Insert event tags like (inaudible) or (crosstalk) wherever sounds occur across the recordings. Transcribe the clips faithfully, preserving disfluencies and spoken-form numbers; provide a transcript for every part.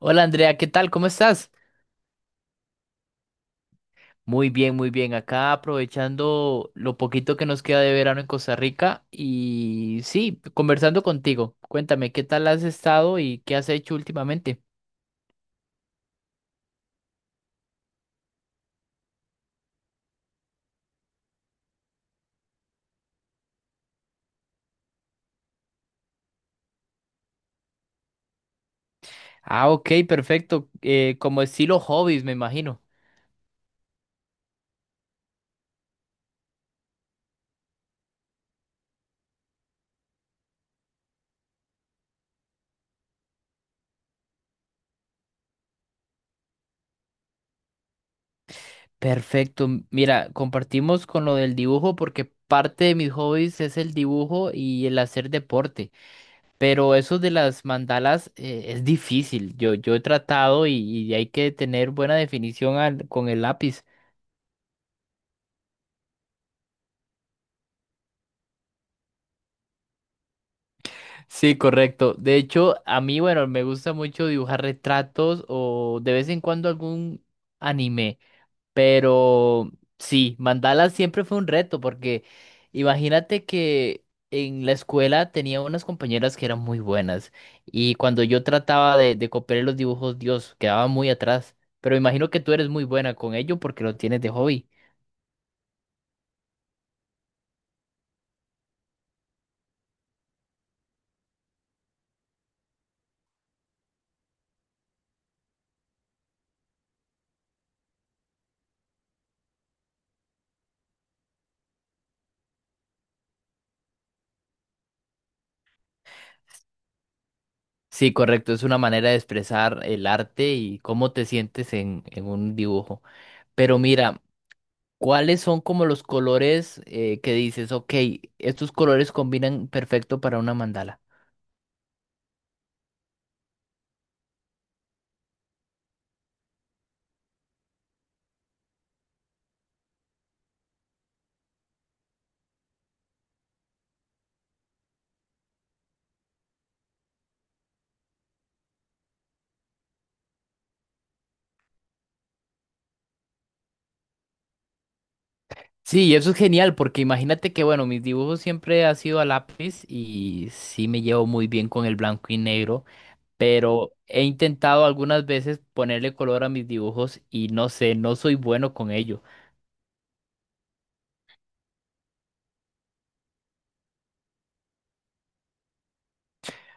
Hola Andrea, ¿qué tal? ¿Cómo estás? Muy bien, muy bien. Acá aprovechando lo poquito que nos queda de verano en Costa Rica y sí, conversando contigo. Cuéntame, ¿qué tal has estado y qué has hecho últimamente? Ah, ok, perfecto. Eh, como estilo hobbies, me imagino. Perfecto. M- Mira, compartimos con lo del dibujo porque parte de mis hobbies es el dibujo y el hacer deporte. Pero eso de las mandalas eh, es difícil. Yo, yo he tratado y, y hay que tener buena definición al- con el lápiz. Sí, correcto. De hecho, a mí, bueno, me gusta mucho dibujar retratos o de vez en cuando algún anime. Pero sí, mandala siempre fue un reto porque imagínate que en la escuela tenía unas compañeras que eran muy buenas y cuando yo trataba de, de copiar los dibujos, Dios, quedaba muy atrás. Pero imagino que tú eres muy buena con ello porque lo tienes de hobby. Sí, correcto, es una manera de expresar el arte y cómo te sientes en, en un dibujo. Pero mira, ¿cuáles son como los colores eh, que dices, ok, estos colores combinan perfecto para una mandala? Sí, y eso es genial porque imagínate que, bueno, mis dibujos siempre han sido a lápiz y sí me llevo muy bien con el blanco y negro, pero he intentado algunas veces ponerle color a mis dibujos y no sé, no soy bueno con ello.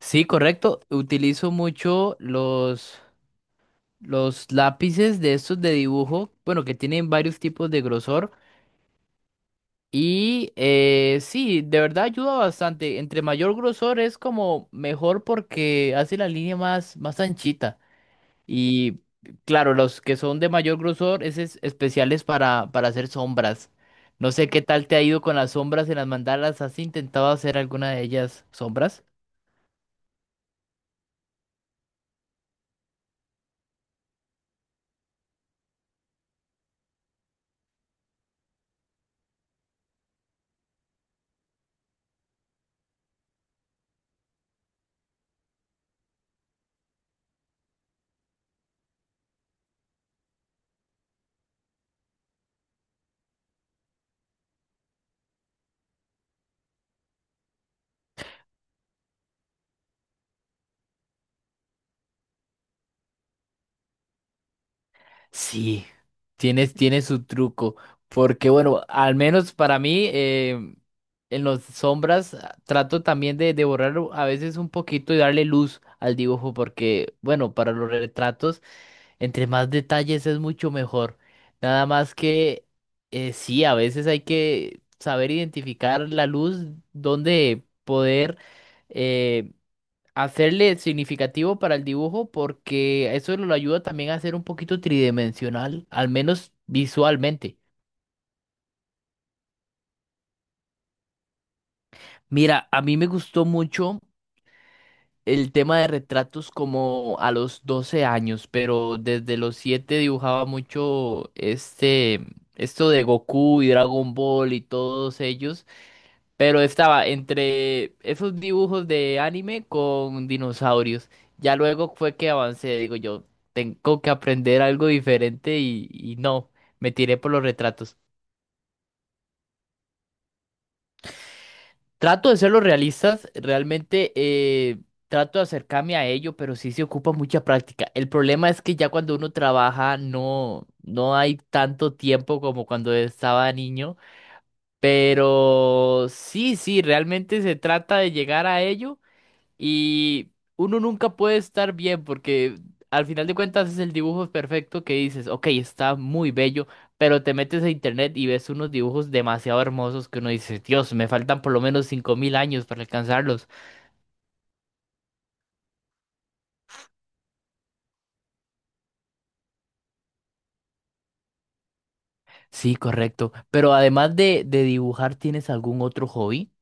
Sí, correcto, utilizo mucho los, los lápices de estos de dibujo, bueno, que tienen varios tipos de grosor y eh, sí, de verdad ayuda bastante. Entre mayor grosor es como mejor porque hace la línea más, más anchita. Y claro, los que son de mayor grosor, ese es especiales para, para hacer sombras. No sé qué tal te ha ido con las sombras en las mandalas. ¿Has intentado hacer alguna de ellas sombras? Sí, tienes, tiene su truco. Porque bueno, al menos para mí, eh, en las sombras ah, trato también de, de borrar u- a veces un poquito y darle luz al dibujo. Porque bueno, para los retratos. Entre más detalles es mucho mejor. Nada más que eh, sí, a veces hay que saber identificar la luz, donde poder eh, hacerle significativo para el dibujo, porque eso lo ayuda también a ser un poquito tridimensional, al menos visualmente. Mira, a mí me gustó mucho el tema de retratos como a los doce años, pero desde los siete dibujaba mucho este, esto de Goku y Dragon Ball y todos ellos, pero estaba entre esos dibujos de anime con dinosaurios. Ya luego fue que avancé, digo yo, tengo que aprender algo diferente y, y no, me tiré por los retratos. Trato de ser los realistas, realmente eh, trato de acercarme a ello, pero sí se ocupa mucha práctica. El problema es que ya cuando uno trabaja no, no hay tanto tiempo como cuando estaba niño, pero sí, sí, realmente se trata de llegar a ello. Y uno nunca puede estar bien porque al final de cuentas es el dibujo perfecto que dices, ok, está muy bello, pero te metes a internet y ves unos dibujos demasiado hermosos que uno dice, Dios, me faltan por lo menos cinco mil años para alcanzarlos. Sí, correcto. Pero además de, de dibujar, ¿tienes algún otro hobby?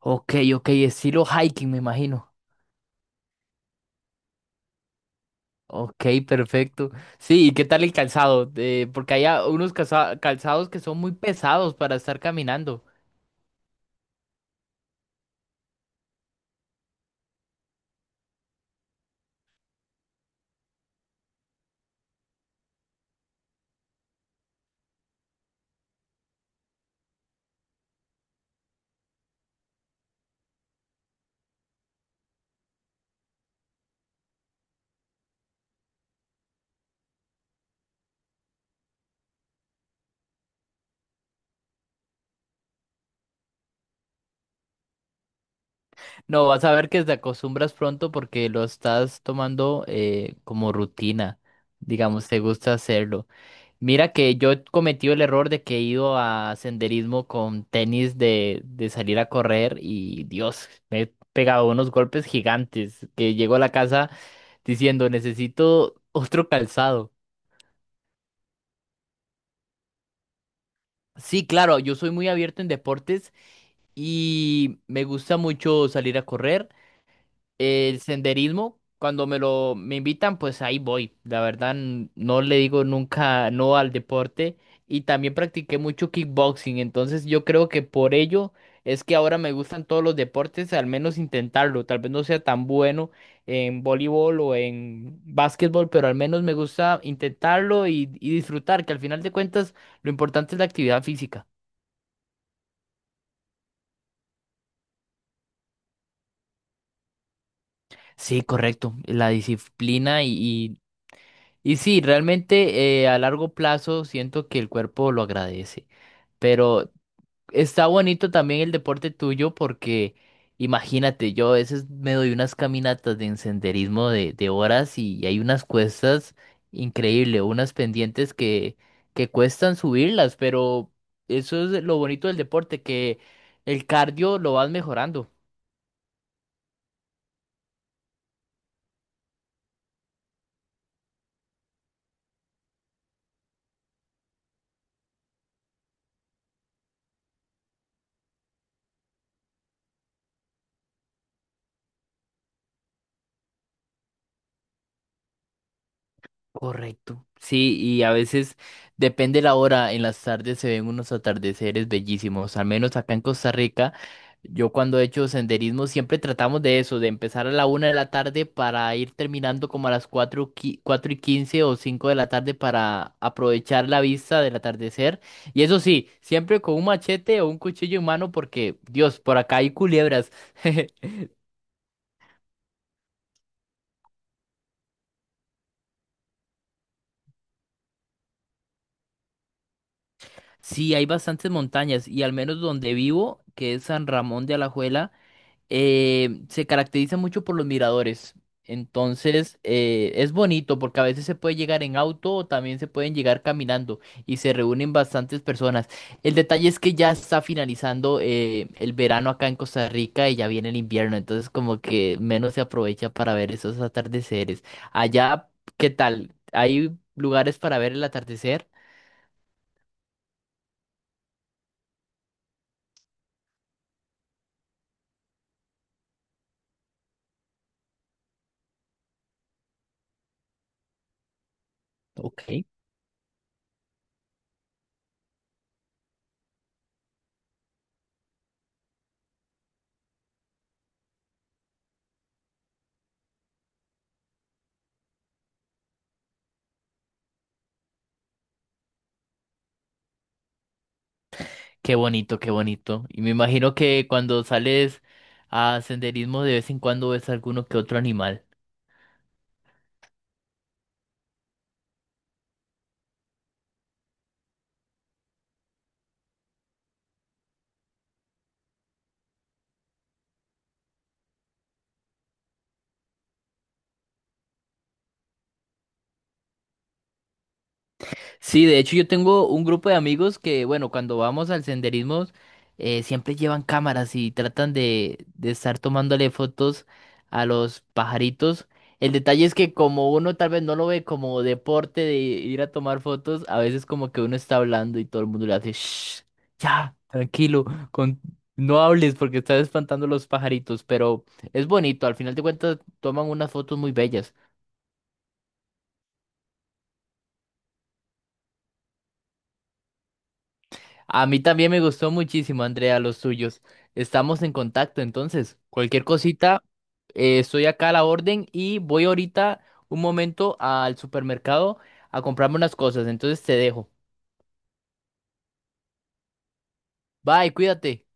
Ok, ok, estilo hiking, me imagino. Ok, perfecto. Sí, ¿y qué tal el calzado? Eh, porque hay a- unos calza- calzados que son muy pesados para estar caminando. No, vas a ver que te acostumbras pronto porque lo estás tomando eh, como rutina. Digamos, te gusta hacerlo. Mira que yo he cometido el error de que he ido a senderismo con tenis de, de salir a correr y Dios, me he pegado unos golpes gigantes que llego a la casa diciendo, necesito otro calzado. Sí, claro, yo soy muy abierto en deportes y me gusta mucho salir a correr. El senderismo, cuando me lo me invitan, pues ahí voy. La verdad, n- no le digo nunca no al deporte. Y también practiqué mucho kickboxing. Entonces yo creo que por ello es que ahora me gustan todos los deportes, al menos intentarlo. Tal vez no sea tan bueno en voleibol o en básquetbol, pero al menos me gusta intentarlo y, y disfrutar, que al final de cuentas lo importante es la actividad física. Sí, correcto. La disciplina y, Y sí, realmente eh, a largo plazo siento que el cuerpo lo agradece. Pero está bonito también el deporte tuyo porque imagínate, yo a veces me doy unas caminatas de senderismo de, de horas y hay unas cuestas increíbles, unas pendientes que, que cuestan subirlas, pero eso es lo bonito del deporte, que el cardio lo vas mejorando. Correcto. Sí, y a veces depende la hora, en las tardes se ven unos atardeceres bellísimos, al menos acá en Costa Rica. Yo cuando he hecho senderismo siempre tratamos de eso, de empezar a la una de la tarde para ir terminando como a las cuatro, cuatro y quince o cinco de la tarde para aprovechar la vista del atardecer. Y eso sí, siempre con un machete o un cuchillo en mano porque, Dios, por acá hay culebras. (laughs) Sí, hay bastantes montañas y al menos donde vivo, que es San Ramón de Alajuela, eh, se caracteriza mucho por los miradores. Entonces, eh, es bonito porque a veces se puede llegar en auto o también se pueden llegar caminando y se reúnen bastantes personas. El detalle es que ya está finalizando eh, el verano acá en Costa Rica y ya viene el invierno, entonces como que menos se aprovecha para ver esos atardeceres. Allá, ¿qué tal? ¿Hay lugares para ver el atardecer? Ok. Qué bonito, qué bonito. Y me imagino que cuando sales a senderismo de vez en cuando ves alguno que otro animal. Sí, de hecho yo tengo un grupo de amigos que, bueno, cuando vamos al senderismo, eh, siempre llevan cámaras y tratan de, de estar tomándole fotos a los pajaritos. El detalle es que como uno tal vez no lo ve como deporte de ir a tomar fotos, a veces como que uno está hablando y todo el mundo le hace, shh, ya, tranquilo, con... no hables porque estás espantando a los pajaritos, pero es bonito, al final de cuentas toman unas fotos muy bellas. A mí también me gustó muchísimo, Andrea, los tuyos. Estamos en contacto, entonces, cualquier cosita, eh, estoy acá a la orden y voy ahorita un momento al supermercado a comprarme unas cosas, entonces te dejo. Bye, cuídate.